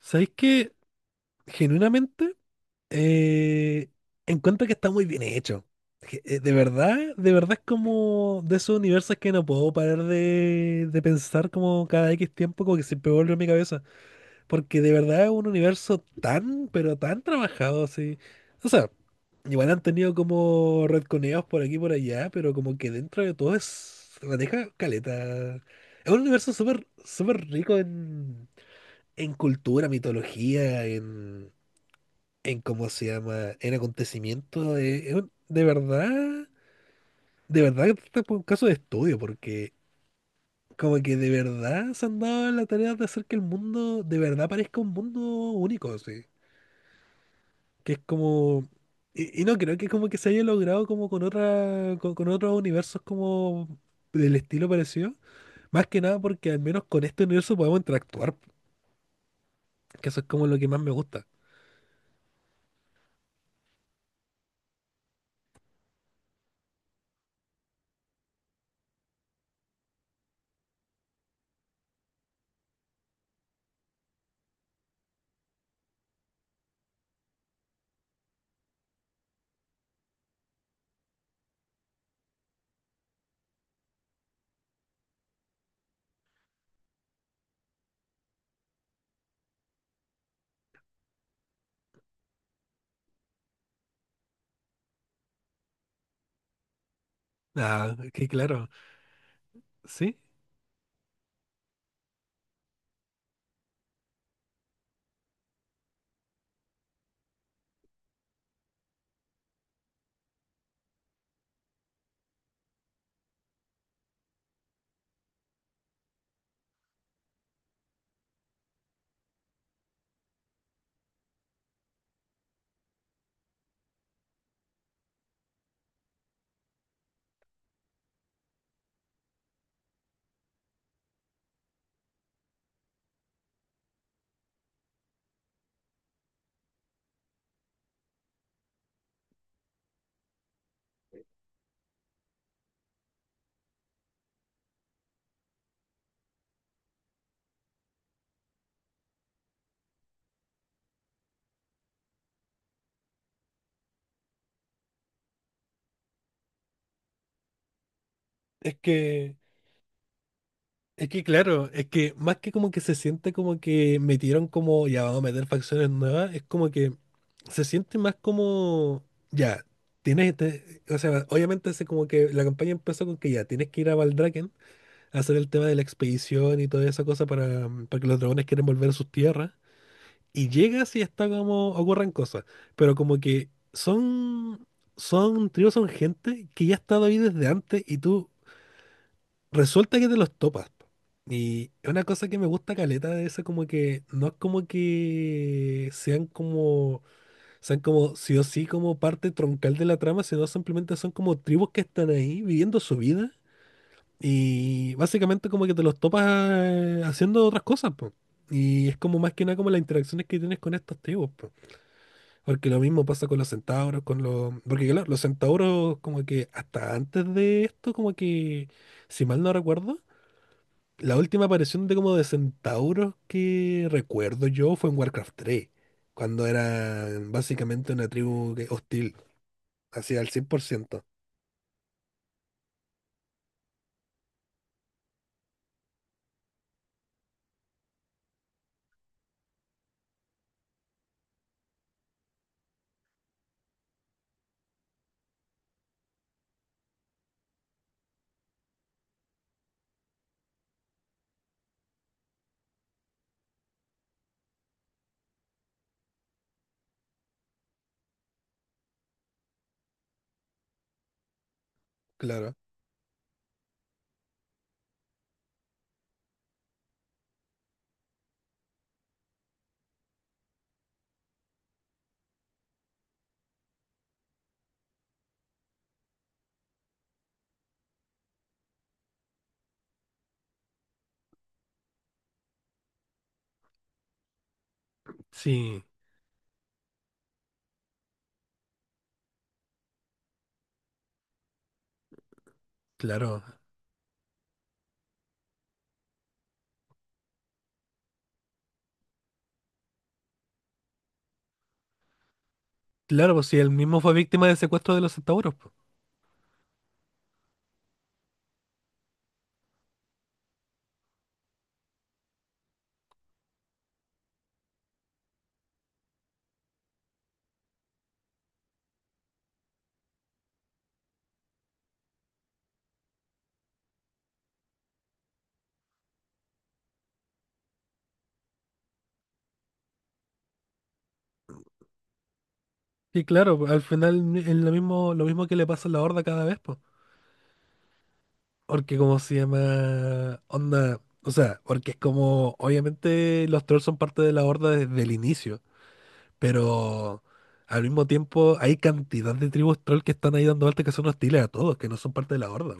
¿Sabéis que genuinamente eh, encuentro que está muy bien hecho? De verdad es como de esos universos que no puedo parar de pensar como cada X tiempo, como que siempre vuelve a mi cabeza. Porque de verdad es un universo tan, pero tan trabajado así. O sea, igual han tenido como retconeos por aquí y por allá, pero como que dentro de todo es, maneja caleta. Es un universo súper, súper rico en cultura, mitología, en cómo se llama, en acontecimientos, de verdad que está por un caso de estudio, porque como que de verdad se han dado la tarea de hacer que el mundo de verdad parezca un mundo único, sí. Que es como, y no creo que como que se haya logrado como con otra, con otros universos como del estilo parecido, más que nada porque al menos con este universo podemos interactuar, que eso es como lo que más me gusta. Ah, que claro, sí. Es que, es que claro, es que más que como que se siente como que metieron como, ya vamos a meter facciones nuevas, es como que se siente más como, ya, tienes, o sea, obviamente hace como que la campaña empezó con que ya, tienes que ir a Valdraken a hacer el tema de la expedición y toda esa cosa para, para que los dragones quieren volver a sus tierras, y llegas y está como, ocurren cosas, pero como que son, tribus son gente que ya ha estado ahí desde antes y tú... Resulta que te los topas. Y es una cosa que me gusta caleta de eso, como que no es como que sean como sí o sí como parte troncal de la trama, sino simplemente son como tribus que están ahí viviendo su vida. Y básicamente como que te los topas haciendo otras cosas, po. Y es como más que nada como las interacciones que tienes con estos tribus, po. Porque lo mismo pasa con los centauros, con los... Porque claro, los centauros como que hasta antes de esto, como que, si mal no recuerdo, la última aparición de como de centauros que recuerdo yo fue en Warcraft 3, cuando era básicamente una tribu hostil, así al 100%, claro. Sí, claro. Claro, pues si él mismo fue víctima del secuestro de los centauros, pues. Y claro, pues, al final es lo mismo que le pasa a la Horda cada vez, pues. Porque como se llama onda, o sea, porque es como, obviamente los trolls son parte de la Horda desde el inicio. Pero al mismo tiempo hay cantidad de tribus troll que están ahí dando vueltas que son hostiles a todos, que no son parte de la horda.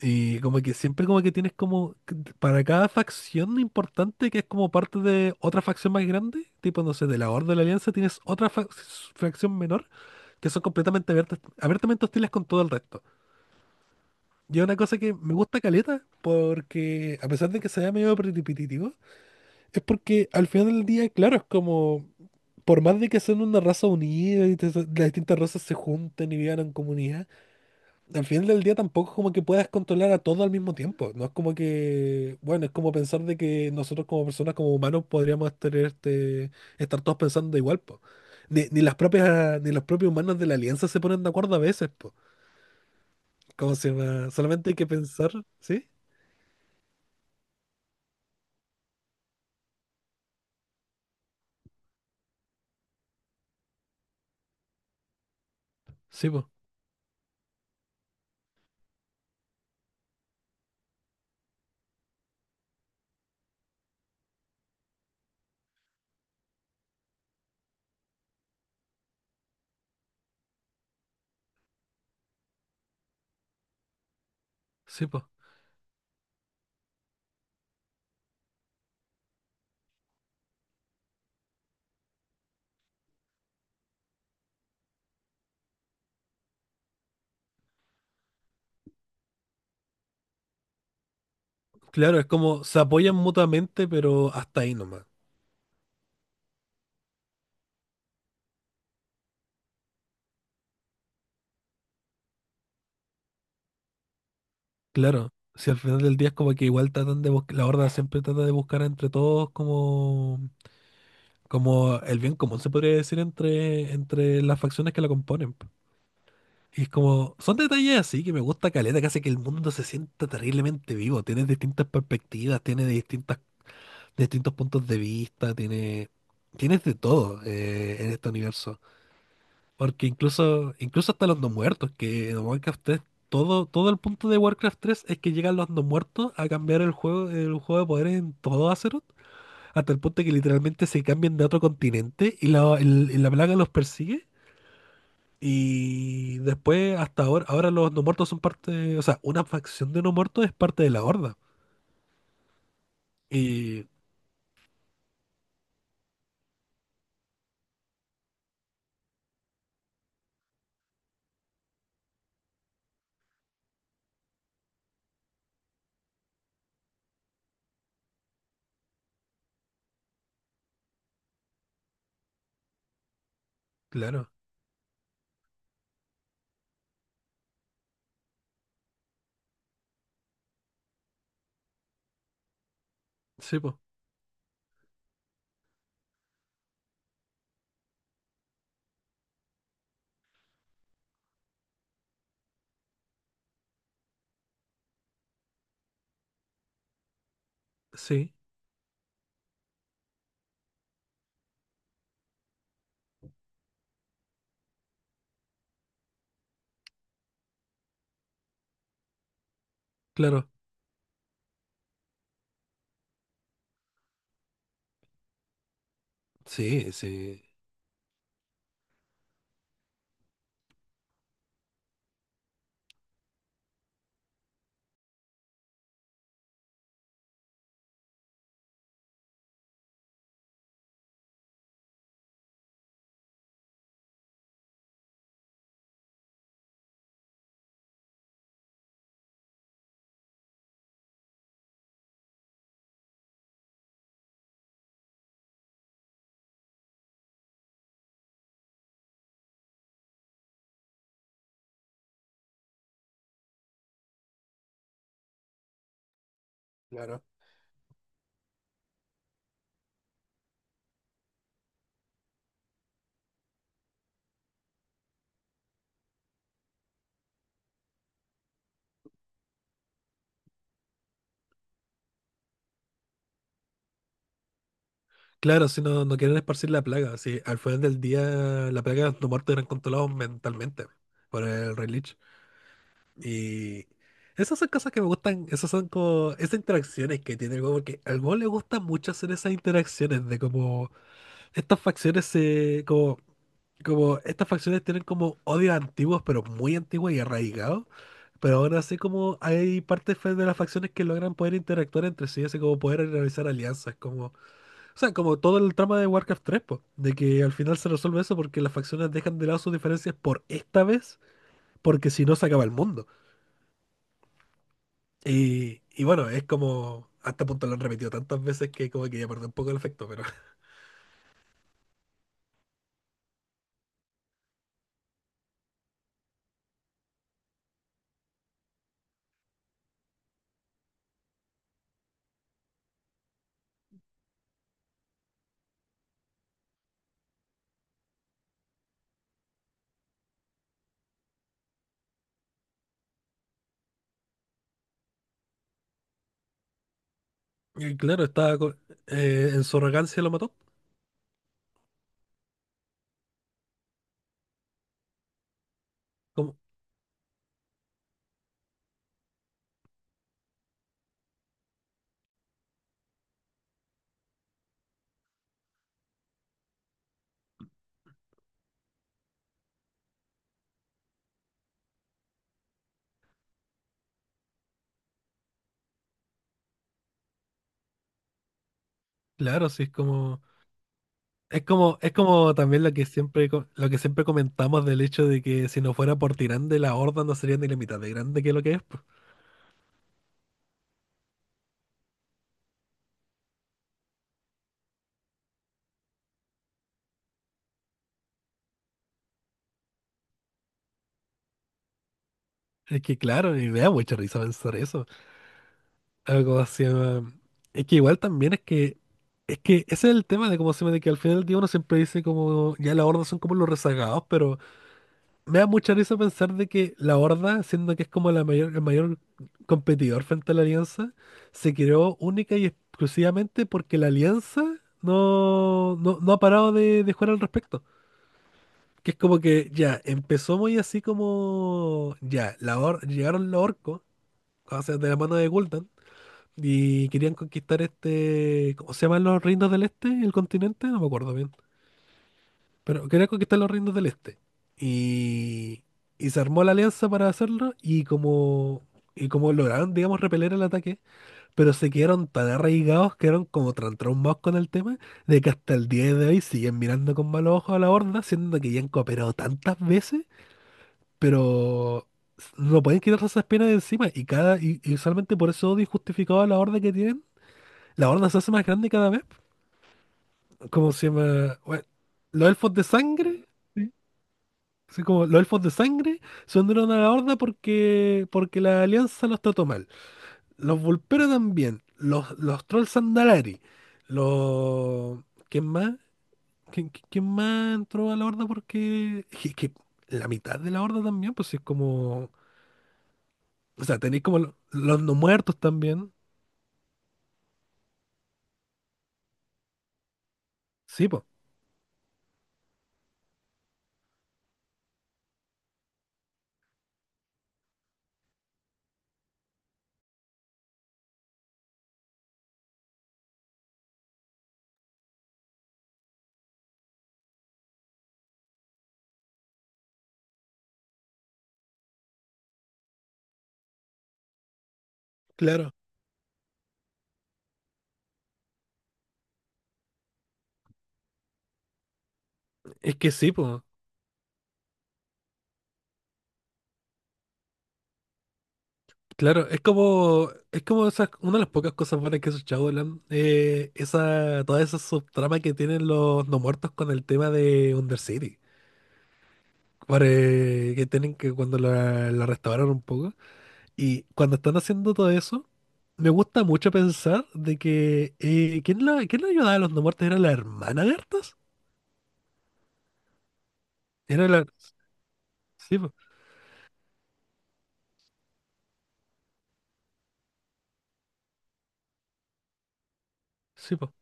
Y como que siempre como que tienes como que para cada facción importante que es como parte de otra facción más grande, tipo no sé, de la Horda de la Alianza tienes otra facción menor que son completamente abiertas, abiertamente hostiles con todo el resto. Y es una cosa que me gusta caleta, porque a pesar de que sea medio repetitivo, es porque al final del día, claro, es como por más de que son una raza unida y las distintas razas se junten y vivan en comunidad, al final del día tampoco es como que puedas controlar a todo al mismo tiempo. No es como que, bueno, es como pensar de que nosotros como personas, como humanos, podríamos tener estar todos pensando igual, po. Ni las propias, ni los propios humanos de la alianza se ponen de acuerdo a veces, po. ¿Cómo se llama? Solamente hay que pensar, ¿sí? Sí, po, sí, po. Claro, es como se apoyan mutuamente, pero hasta ahí nomás. Claro, si al final del día es como que igual tratan de buscar, la horda siempre trata de buscar entre todos como el bien común, se podría decir, entre las facciones que la componen. Po. Y es como, son detalles así que me gusta caleta, que hace que el mundo se sienta terriblemente vivo. Tienes distintas perspectivas, tienes distintas, distintos puntos de vista, tienes de todo en este universo. Porque incluso, incluso hasta los no muertos, que en Warcraft 3, todo el punto de Warcraft 3 es que llegan los no muertos a cambiar el juego de poder en todo Azeroth, hasta el punto que literalmente se cambian de otro continente y la plaga los persigue. Y después, hasta ahora, ahora los no muertos son parte, o sea, una facción de no muertos es parte de la Horda. Y claro, sí, po, sí, claro, sí, sí. Claro, si no, no quieren esparcir la plaga. Si al final del día la plaga de los muertos eran controlados mentalmente por el Rey Lich. Y esas son cosas que me gustan, esas son como esas interacciones que tiene el juego, porque al juego le gusta mucho hacer esas interacciones de como estas facciones se como estas facciones tienen como odios antiguos, pero muy antiguos y arraigados. Pero aún así como hay partes de las facciones que logran poder interactuar entre sí, así como poder realizar alianzas, como o sea, como todo el trama de Warcraft 3 po, de que al final se resuelve eso porque las facciones dejan de lado sus diferencias por esta vez, porque si no se acaba el mundo. Y bueno, es como, a este punto lo han repetido tantas veces que como que ya perdió un poco el efecto, pero... Y claro, estaba en su arrogancia lo mató. Como, claro, sí, es como... Es como también lo que siempre comentamos del hecho de que si no fuera por Tirande la Horda no sería ni la mitad de grande que lo que es. Po. Es que claro, y me da mucha risa pensar eso. Algo se llama- Es que igual también es que. Es que ese es el tema de cómo se llama, de que al final del día uno siempre dice como ya la horda son como los rezagados, pero me da mucha risa pensar de que la Horda, siendo que es como la mayor, el mayor competidor frente a la Alianza, se creó única y exclusivamente porque la Alianza no ha parado de jugar al respecto. Que es como que ya, empezó muy así como ya, llegaron los orcos, o sea, de la mano de Gul'dan, y querían conquistar ¿cómo se llaman los reinos del este? ¿El continente? No me acuerdo bien. Pero quería conquistar los reinos del este. Y, y se armó la alianza para hacerlo y como, lograron, digamos, repeler el ataque, pero se quedaron tan arraigados, quedaron como tan traumados con el tema, de que hasta el día de hoy siguen mirando con malos ojos a la horda, siendo que ya han cooperado tantas veces, pero no pueden quitarse esas penas de encima. Y usualmente por ese odio injustificado a la horda que tienen, la horda se hace más grande cada vez. ¿Como se llama? Bueno, los elfos de sangre. Así como los elfos de sangre se unieron a la horda porque, la alianza los trató mal. Los vulperos también. Los trolls Sandalari. Los... ¿Quién más? ¿Quién más entró a la horda porque... Es que la mitad de la horda también, pues sí es como... O sea, tenéis como los no muertos también. Sí, pues. Claro. Es que sí, pues. Claro, es como esas, una de las pocas cosas buenas que hizo Shadowland, esa, toda esa subtrama que tienen los no muertos con el tema de Undercity, para, que tienen que cuando la restauraron un poco, y cuando están haciendo todo eso, me gusta mucho pensar de que, ¿quién la ayudaba a los no muertos? ¿Era la hermana de Arthas? Era la, sí, po, sí, po,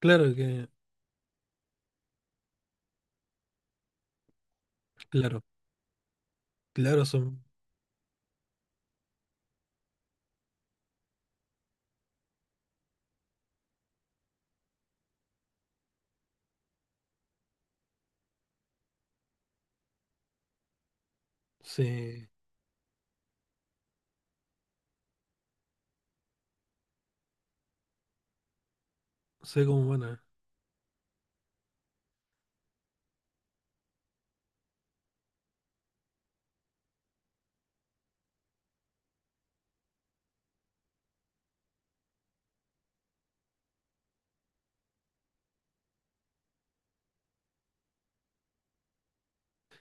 claro que, claro, claro, son, sí, sé como buenas.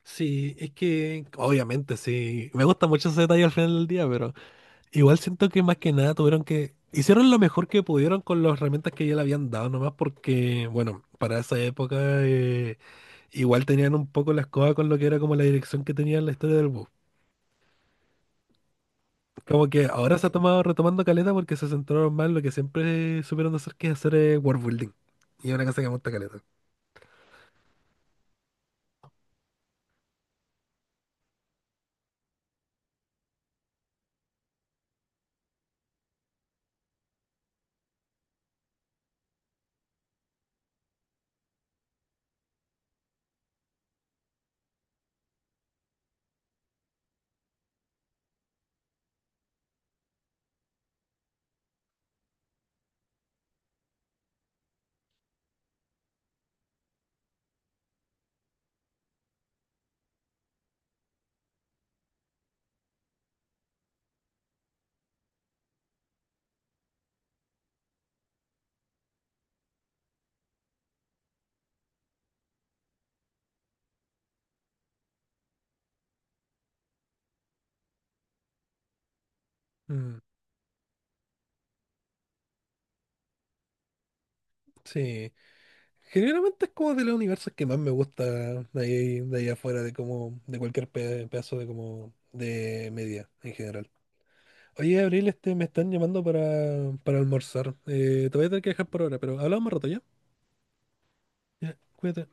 Sí, es que obviamente sí. Me gusta mucho ese detalle al final del día, pero igual siento que más que nada tuvieron que... Hicieron lo mejor que pudieron con las herramientas que ya le habían dado, nomás porque, bueno, para esa época eh, igual tenían un poco la escoba con lo que era como la dirección que tenía en la historia del bus. Como que ahora se ha tomado retomando caleta porque se centraron más en lo que siempre supieron hacer, que es hacer world building. Y es una cosa que me gusta caleta. Mm, sí. Generalmente es como de los universos que más me gusta de ahí afuera, de como, de cualquier pedazo de como de media en general. Oye, Abril, me están llamando para, almorzar. Te voy a tener que dejar por ahora, pero hablamos más rato ya. Ya, cuídate.